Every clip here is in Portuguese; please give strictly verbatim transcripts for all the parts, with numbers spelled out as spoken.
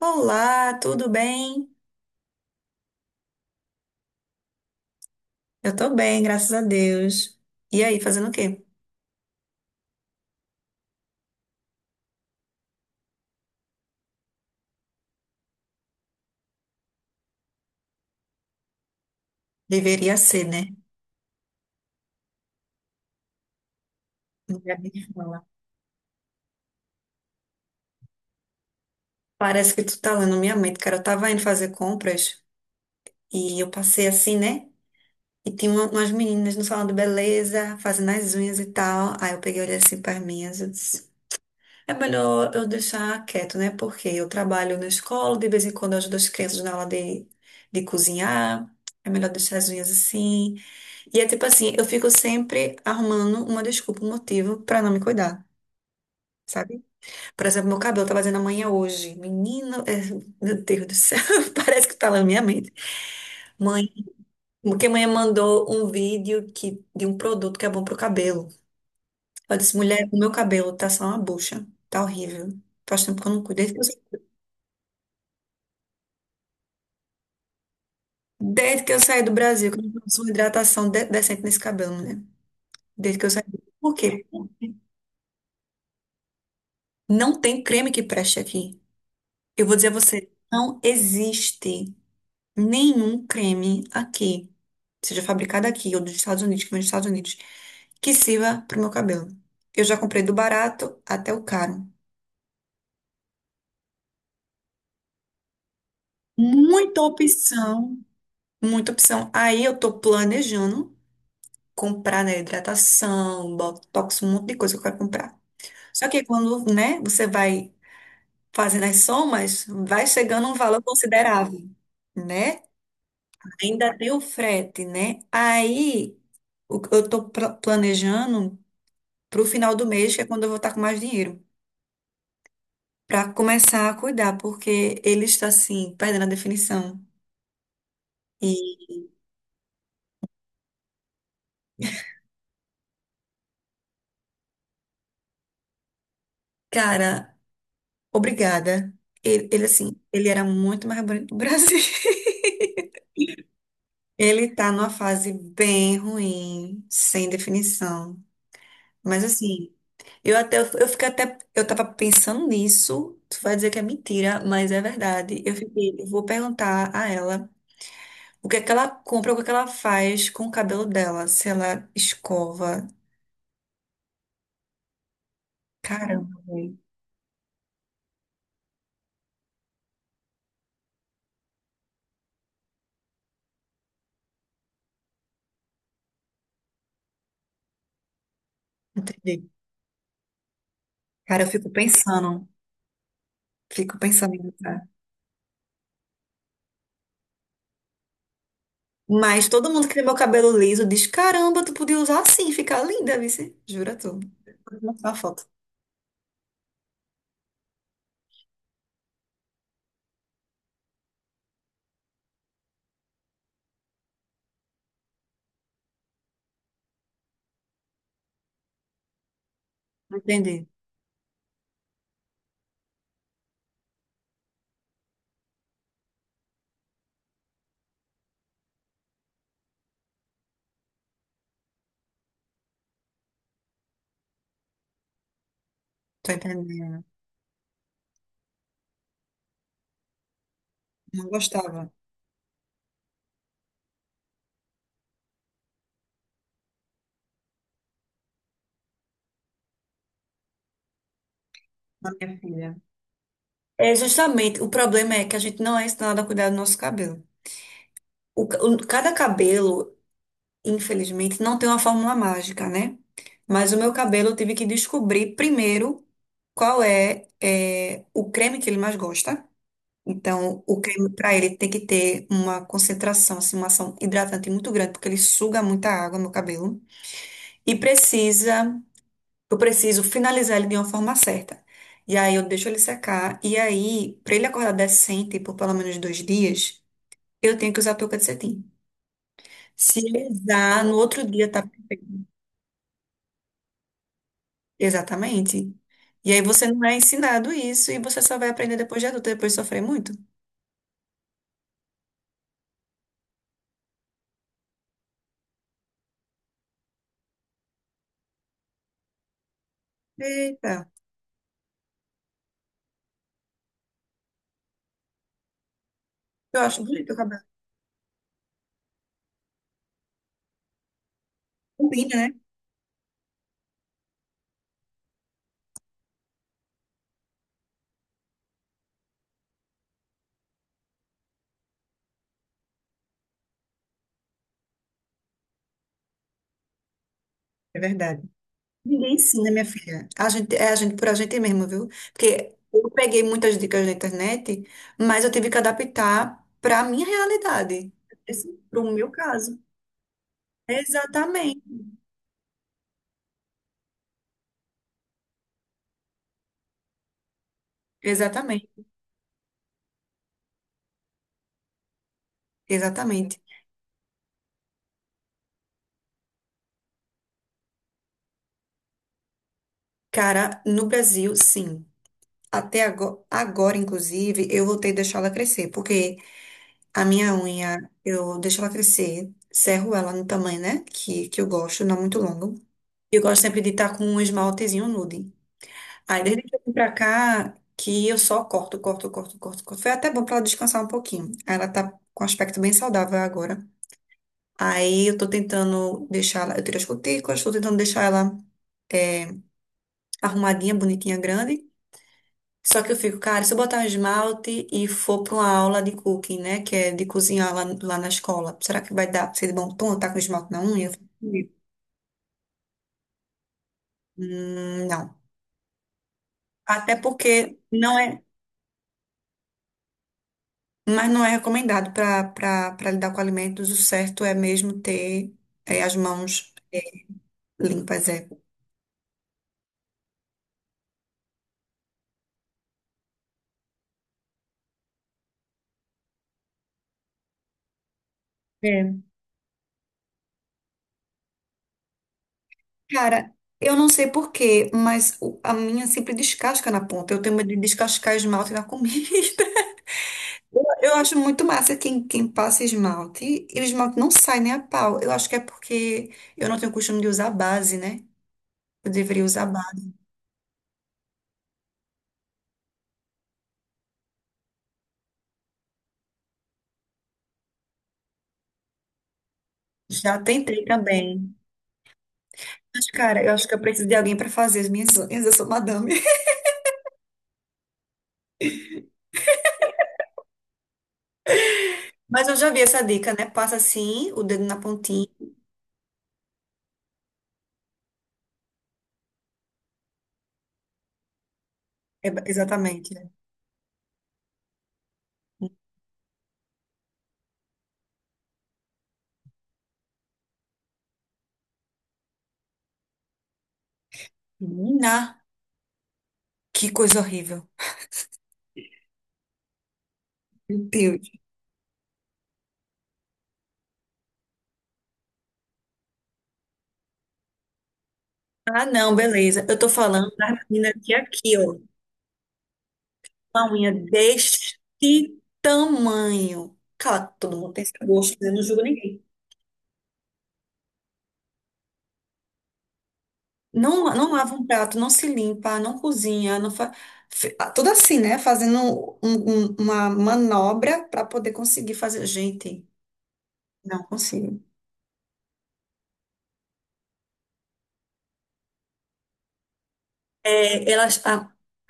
Olá, tudo bem? Eu tô bem, graças a Deus. E aí, fazendo o quê? Deveria ser, né? Não quero nem falar. Parece que tu tá lendo minha mente, cara. Eu tava indo fazer compras e eu passei assim, né? E tinha uma- umas meninas no salão de beleza, fazendo as unhas e tal. Aí eu peguei e olhei assim para minhas. Eu disse, é melhor eu deixar quieto, né? Porque eu trabalho na escola, de vez em quando eu ajudo as crianças na aula de, de cozinhar. É melhor deixar as unhas assim. E é tipo assim, eu fico sempre arrumando uma desculpa, um motivo pra não me cuidar, sabe? Por exemplo, meu cabelo tava fazendo amanhã hoje. Menino, é, meu Deus do céu, parece que tá lá na minha mente. Mãe, porque mãe mandou um vídeo que, de um produto que é bom pro cabelo. Eu disse, mulher, o meu cabelo tá só uma bucha, tá horrível. Faz tempo que eu não cuido. Desde que eu, sa- desde que eu saí do Brasil, que eu não faço uma hidratação de- decente nesse cabelo, mulher. Desde que eu saí. Por quê? Não tem creme que preste aqui. Eu vou dizer a você, não existe nenhum creme aqui, seja fabricado aqui ou dos Estados Unidos, que vem dos Estados Unidos, que sirva para o meu cabelo. Eu já comprei do barato até o caro. Muita opção, muita opção. Aí eu tô planejando comprar, né, hidratação, botox, um monte de coisa que eu quero comprar. Só que quando, né, você vai fazendo as somas, vai chegando um valor considerável, né? Ainda tem o frete, né? Aí o- eu tô pla- planejando pro final do mês, que é quando eu vou estar com mais dinheiro, pra começar a cuidar, porque ele está assim, perdendo a definição. E, cara, obrigada. Ele, ele assim, ele era muito mais bonito do Brasil. Ele tá numa fase bem ruim, sem definição. Mas assim, eu até eu fiquei até eu tava pensando nisso. Tu vai dizer que é mentira, mas é verdade. Eu fiquei, eu vou perguntar a ela o que é que ela compra, o que é que ela faz com o cabelo dela? Se ela escova. Caramba, velho. Entendi. Cara, eu fico pensando. Fico pensando em usar. Mas todo mundo que tem meu cabelo liso diz: caramba, tu podia usar assim, ficar linda, vice. Jura tu. Vou te mostrar uma foto. Entendi. Tô entendendo. Não gostava da minha filha. É justamente, o problema é que a gente não é ensinado a cuidar do nosso cabelo. O, ca- o- cada cabelo. Infelizmente, não tem uma fórmula mágica, né? Mas o meu cabelo eu tive que descobrir primeiro qual é, é, o creme que ele mais gosta. Então, o creme para ele tem que ter uma concentração, assim, uma ação hidratante muito grande, porque ele suga muita água no cabelo. E precisa, eu preciso finalizar ele de uma forma certa. E aí eu deixo ele secar. E aí, para ele acordar decente por pelo menos dois dias, eu tenho que usar touca de cetim. Se ele usar, no outro dia tá. Exatamente. E aí você não é ensinado isso e você só vai aprender depois de adulto, depois de sofrer muito. Eita, eu acho bonito o cabelo. Combina, né? É verdade. Ninguém ensina, minha filha. A gente, é a gente por a gente mesmo, viu? Porque eu peguei muitas dicas na internet, mas eu tive que adaptar para a minha realidade, para o meu caso. Exatamente, exatamente, exatamente. Cara, no Brasil, sim. Até agora, agora, inclusive, eu vou ter que deixá-la crescer, porque a minha unha, eu deixo ela crescer, serro ela no tamanho, né? Que, que eu gosto, não muito longo. Eu gosto sempre de estar com um esmaltezinho nude. Aí, desde que eu vim pra cá, que eu só corto, corto, corto, corto, corto. Foi até bom pra ela descansar um pouquinho. Aí ela tá com um aspecto bem saudável agora. Aí, eu tô tentando deixar ela. Eu tirei as cutículas, tô tentando deixar ela arrumadinha, bonitinha, grande. Só que eu fico, cara, se eu botar um esmalte e for pra uma aula de cooking, né? Que é de cozinhar lá, lá na escola, será que vai dar pra ser de bom tom? Tá com esmalte na unha? Eu fico, hum, não. Até porque não é, mas não é recomendado para para para lidar com alimentos. O certo é mesmo ter, é, as mãos limpas, é. É. Cara, eu não sei por quê, mas o- a minha sempre descasca na ponta. Eu tenho medo de descascar esmalte na comida. Eu acho muito massa quem, quem passa esmalte. E o esmalte não sai nem a pau. Eu acho que é porque eu não tenho costume de usar base, né? Eu deveria usar base. Já tentei também. Mas, cara, eu acho que eu preciso de alguém para fazer as minhas unhas. Eu sou madame. Mas eu já vi essa dica, né? Passa assim, o dedo na pontinha. É, ba- exatamente, né? Menina, que coisa horrível. Meu Deus. Ah, não, beleza. Eu tô falando da meninas de aqui, ó. Uma unha deste tamanho. Cara, todo mundo tem esse gosto, né? Eu não julgo ninguém. Não, não lava um prato, não se limpa, não cozinha, não fa... fe- ah, tudo assim, né? Fazendo um- um- uma manobra para poder conseguir fazer. Gente, não consigo. É, elas, a,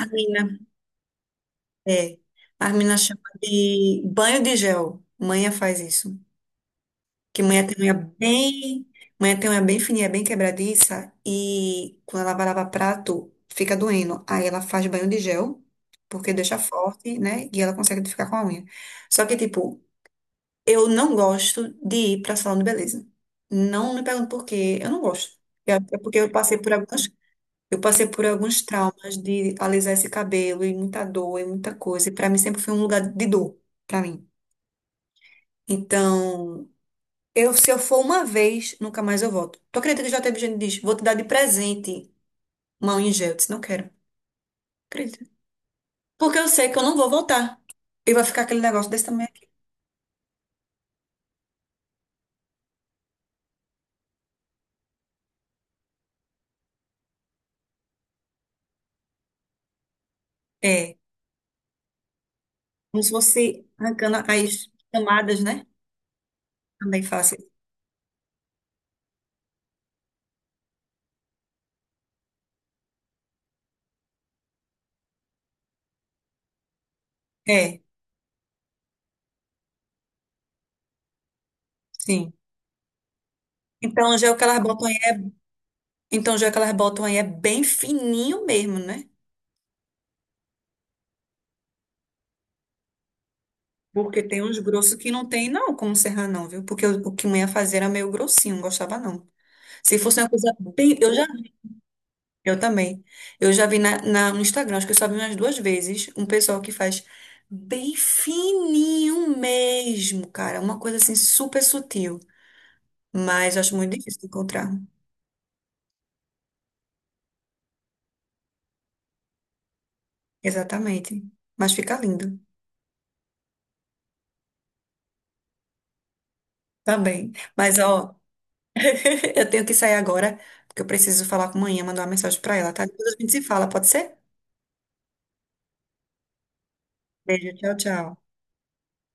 a mina, é, a mina chama de banho de gel. Manha faz isso. Que mulher tem unha bem, mulher tem unha bem fininha, bem quebradiça e quando ela vai lavar prato, fica doendo. Aí ela faz banho de gel, porque deixa forte, né? E ela consegue ficar com a unha. Só que, tipo, eu não gosto de ir pra salão de beleza. Não me pergunto por quê, eu não gosto. É é porque eu passei por algumas, eu passei por alguns traumas de alisar esse cabelo e muita dor e muita coisa. E pra mim sempre foi um lugar de dor, pra mim. Então, eu, se eu for uma vez, nunca mais eu volto. Tu acredita que já teve gente que diz, vou te dar de presente uma unha em gel? Eu disse, não quero. Acredita? Porque eu sei que eu não vou voltar. E vai ficar aquele negócio desse também aqui. É, como se fosse arrancando as camadas, né? Também fácil. É, sim. Então, o gel que elas botam aí, é- então, o gel que elas botam aí é bem fininho mesmo, né? Porque tem uns grossos que não tem, não, como serrar, não, viu? Porque o, o que minha fazia era meio grossinho, não gostava, não. Se fosse uma coisa bem. Eu já. Eu também. Eu já vi na, na- no Instagram, acho que eu só vi umas duas vezes, um pessoal que faz bem fininho mesmo, cara. Uma coisa assim super sutil. Mas eu acho muito difícil de encontrar. Exatamente. Mas fica lindo. Também. Mas, ó, eu tenho que sair agora, porque eu preciso falar com a manhã, mandar uma mensagem pra ela, tá? Depois a gente se fala, pode ser? Beijo, tchau, tchau.